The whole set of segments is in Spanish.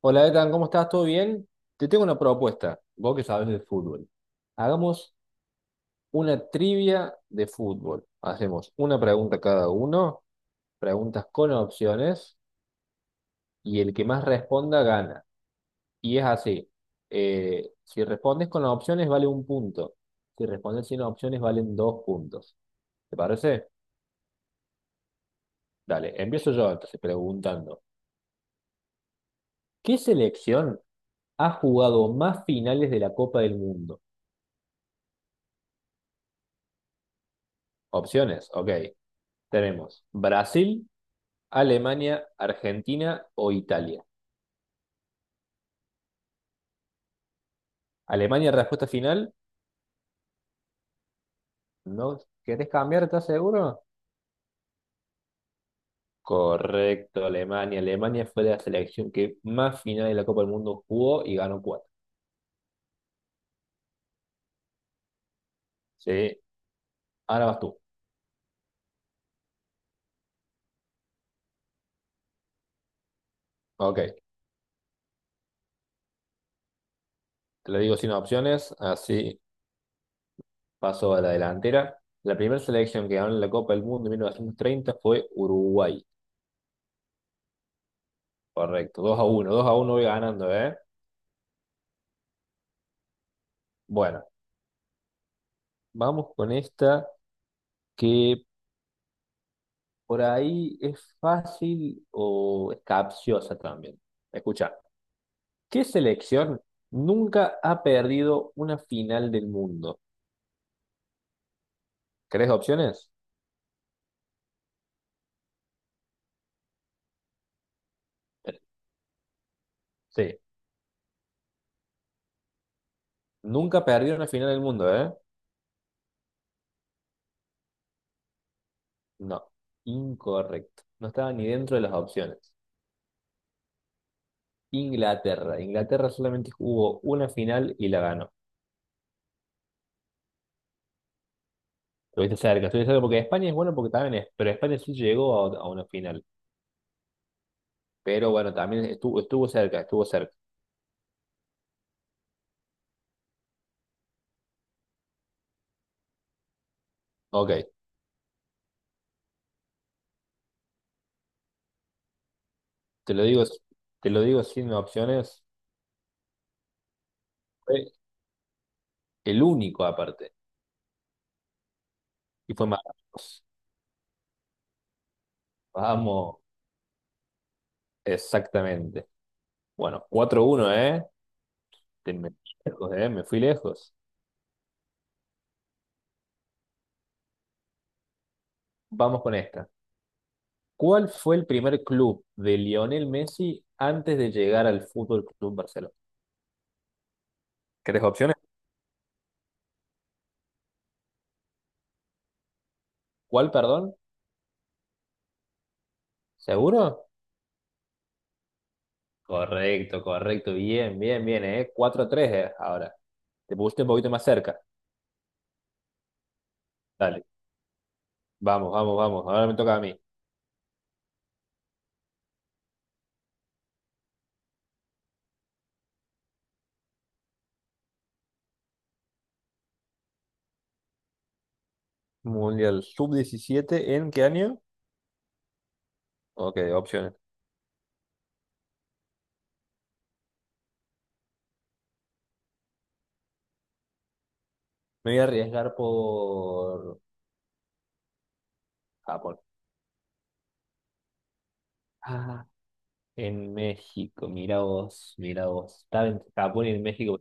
Hola, Ethan, ¿cómo estás? ¿Todo bien? Te tengo una propuesta, vos que sabes de fútbol. Hagamos una trivia de fútbol. Hacemos una pregunta cada uno, preguntas con opciones, y el que más responda gana. Y es así, si respondes con las opciones vale un punto, si respondes sin opciones valen dos puntos. ¿Te parece? Dale, empiezo yo entonces preguntando. ¿Qué selección ha jugado más finales de la Copa del Mundo? Opciones, ok. Tenemos Brasil, Alemania, Argentina o Italia. Alemania, respuesta final. ¿No querés cambiar? ¿Estás seguro? Correcto, Alemania. Alemania fue la selección que más final de la Copa del Mundo jugó y ganó cuatro. Sí, ahora vas tú. Ok, te lo digo sin opciones, así paso a la delantera. La primera selección que ganó la Copa del Mundo en 1930 fue Uruguay. Correcto, 2-1, 2-1, voy ganando, ¿eh? Bueno, vamos con esta que por ahí es fácil o es capciosa también. Escucha, ¿qué selección nunca ha perdido una final del mundo? ¿Querés opciones? Eh, Sí. Nunca ha perdido una final del mundo, ¿eh? No. Incorrecto. No estaba ni dentro de las opciones. Inglaterra. Inglaterra solamente jugó una final y la ganó. Estuviste cerca porque España es bueno porque también es, pero España sí llegó a una final. Pero bueno, también estuvo, estuvo cerca, estuvo cerca. Ok. Te lo digo, te lo digo sin opciones. Fue el único aparte. Y fue Marruecos. Vamos, exactamente. Bueno, 4-1, ¿eh? Me fui lejos, ¿eh? Me fui lejos. Vamos con esta. ¿Cuál fue el primer club de Lionel Messi antes de llegar al Fútbol Club Barcelona? ¿Querés opciones? ¿Cuál, perdón? ¿Seguro? Correcto, correcto. Bien, bien, bien, 4-3, ¿eh? Ahora. Te pusiste un poquito más cerca. Dale. Vamos, vamos, vamos. Ahora me toca a mí. Mundial sub-17, ¿en qué año? Ok, opciones. Me voy a arriesgar por Japón. Ah, en México, mira vos, mira vos. Estaba en Japón y en México.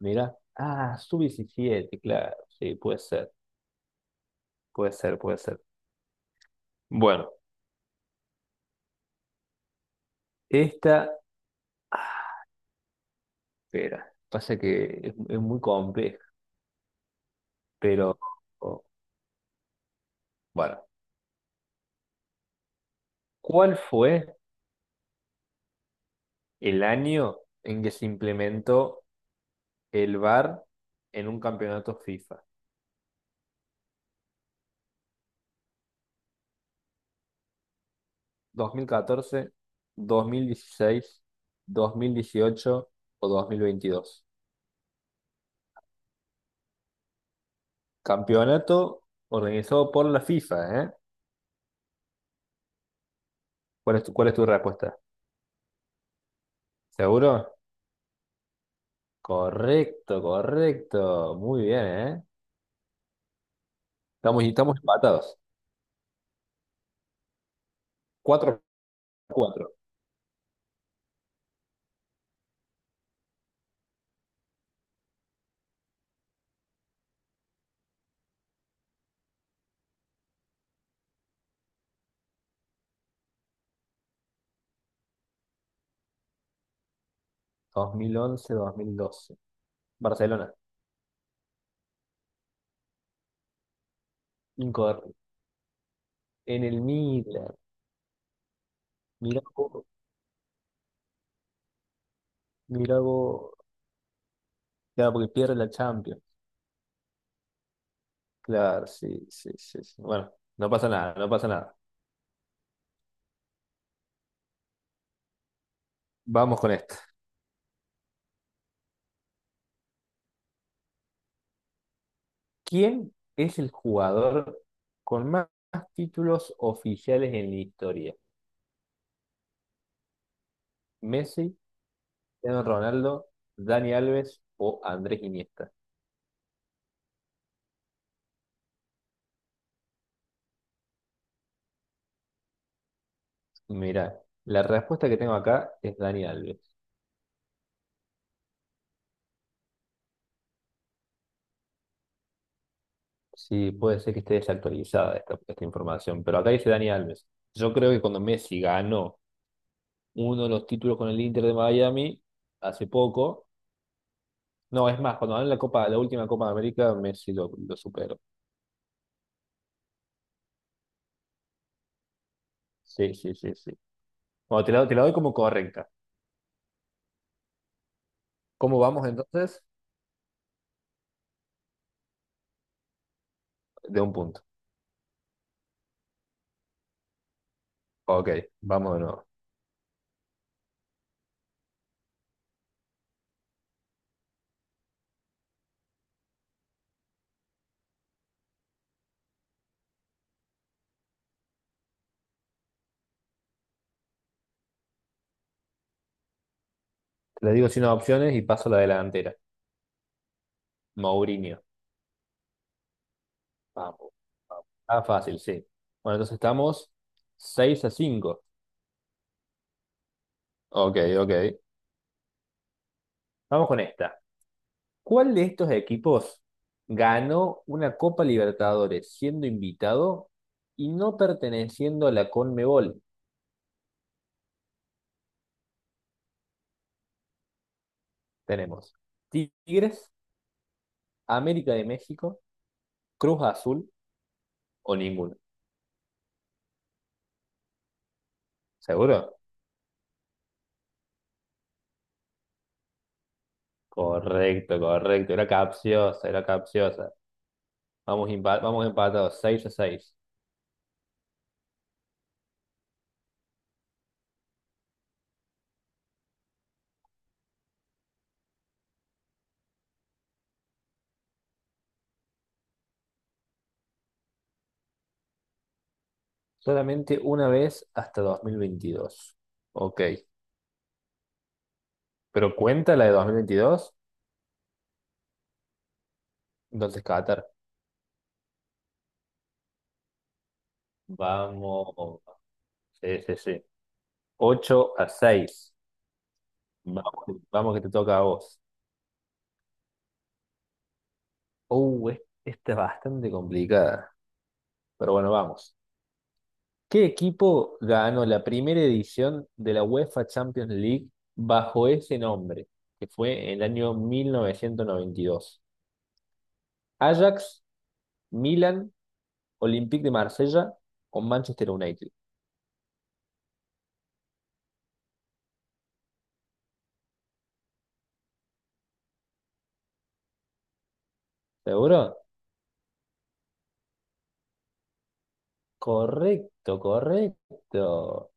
Mira. Ah, sub-17. Claro. Sí, puede ser, puede ser, puede ser. Bueno, esta, ah, espera, pasa que es muy compleja, pero oh, bueno. ¿Cuál fue el año en que se implementó el VAR en un campeonato FIFA? Dos mil catorce, 2016, 2018 o 2022. Campeonato organizado por la FIFA, ¿eh? ¿Cuál es tu respuesta? ¿Seguro? Correcto, correcto. Muy bien, ¿eh? Estamos empatados. 4-4. 2011-2012 Barcelona. Incorrecto. En el Milan. Mirá vos, mirá vos. Claro, porque pierde la Champions. Claro, sí, sí, sí. Sí. Bueno, no pasa nada, no pasa nada. Vamos con esto. ¿Quién es el jugador con más títulos oficiales en la historia? ¿Messi, Cristiano Ronaldo, Dani Alves o Andrés Iniesta? Mirá, la respuesta que tengo acá es Dani Alves. Sí, puede ser que esté desactualizada esta información, pero acá dice Dani Alves. Yo creo que cuando Messi ganó uno de los títulos con el Inter de Miami hace poco, no, es más, cuando ganó la Copa, la última Copa de América, Messi lo superó. Sí, sí, sí, sí. Bueno, te la doy como correcta. ¿Cómo vamos entonces? De un punto. Ok, vamos de nuevo. Te le digo sin opciones y paso a la delantera. Mourinho. Vamos. Vamos. Ah, fácil, sí. Bueno, entonces estamos 6-5. Ok, ok. Vamos con esta. ¿Cuál de estos equipos ganó una Copa Libertadores siendo invitado y no perteneciendo a la CONMEBOL? Tenemos Tigres, América de México, Cruz Azul o ninguno. ¿Seguro? Correcto, correcto. Era capciosa, era capciosa. Vamos, vamos empatados, 6-6. Solamente una vez hasta 2022. Ok. Pero cuenta la de 2022, entonces Qatar. Vamos. Sí, sí, sí. 8-6. Vamos, vamos que te toca a vos. Esta es bastante complicada. Pero bueno, vamos. ¿Qué equipo ganó la primera edición de la UEFA Champions League bajo ese nombre, que fue en el año 1992? ¿Ajax, Milan, Olympique de Marsella o Manchester United? ¿Seguro? Correcto, correcto.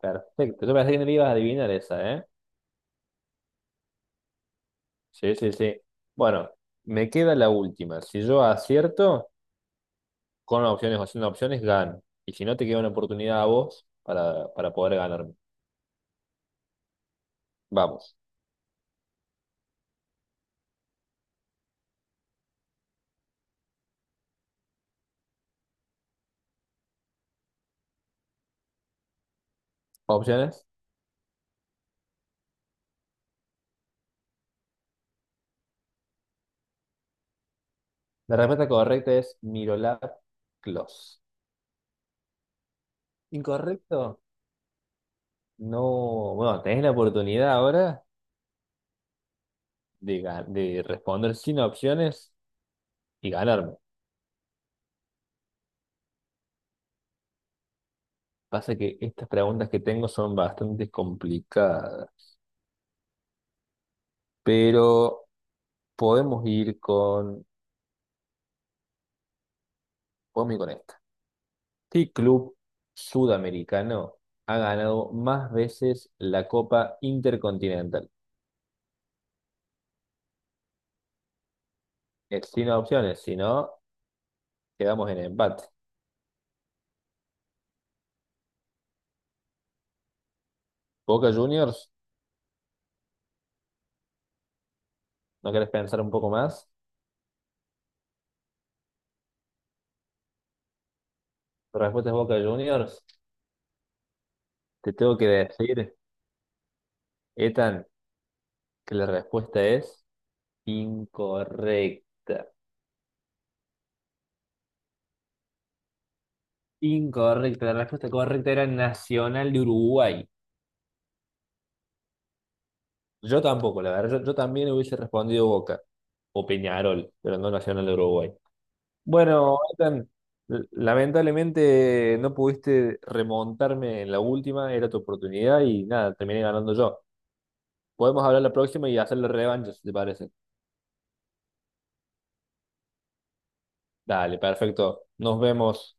Perfecto. Yo pensé que no le ibas a adivinar esa, ¿eh? Sí, sí, sí. Bueno, me queda la última. Si yo acierto, con opciones o sin opciones, gano. Y si no, te queda una oportunidad a vos para poder ganarme. Vamos. Opciones. La respuesta correcta es Mirolap Clos. Incorrecto. No, bueno, tenés la oportunidad ahora de responder sin opciones y ganarme. Pasa que estas preguntas que tengo son bastante complicadas, pero podemos ir con, podemos ir con esta. ¿Qué club sudamericano ha ganado más veces la Copa Intercontinental? Es sin opciones, si no, quedamos en empate. Boca Juniors, ¿no querés pensar un poco más? Respuesta es Boca Juniors. Te tengo que decir, Ethan, que la respuesta es incorrecta. Incorrecta. La respuesta correcta era Nacional de Uruguay. Yo tampoco, la verdad. Yo también hubiese respondido Boca o Peñarol, pero no Nacional de Uruguay. Bueno, Ethan, lamentablemente no pudiste remontarme en la última. Era tu oportunidad y nada, terminé ganando yo. Podemos hablar la próxima y hacer la revancha, si te parece. Dale, perfecto. Nos vemos.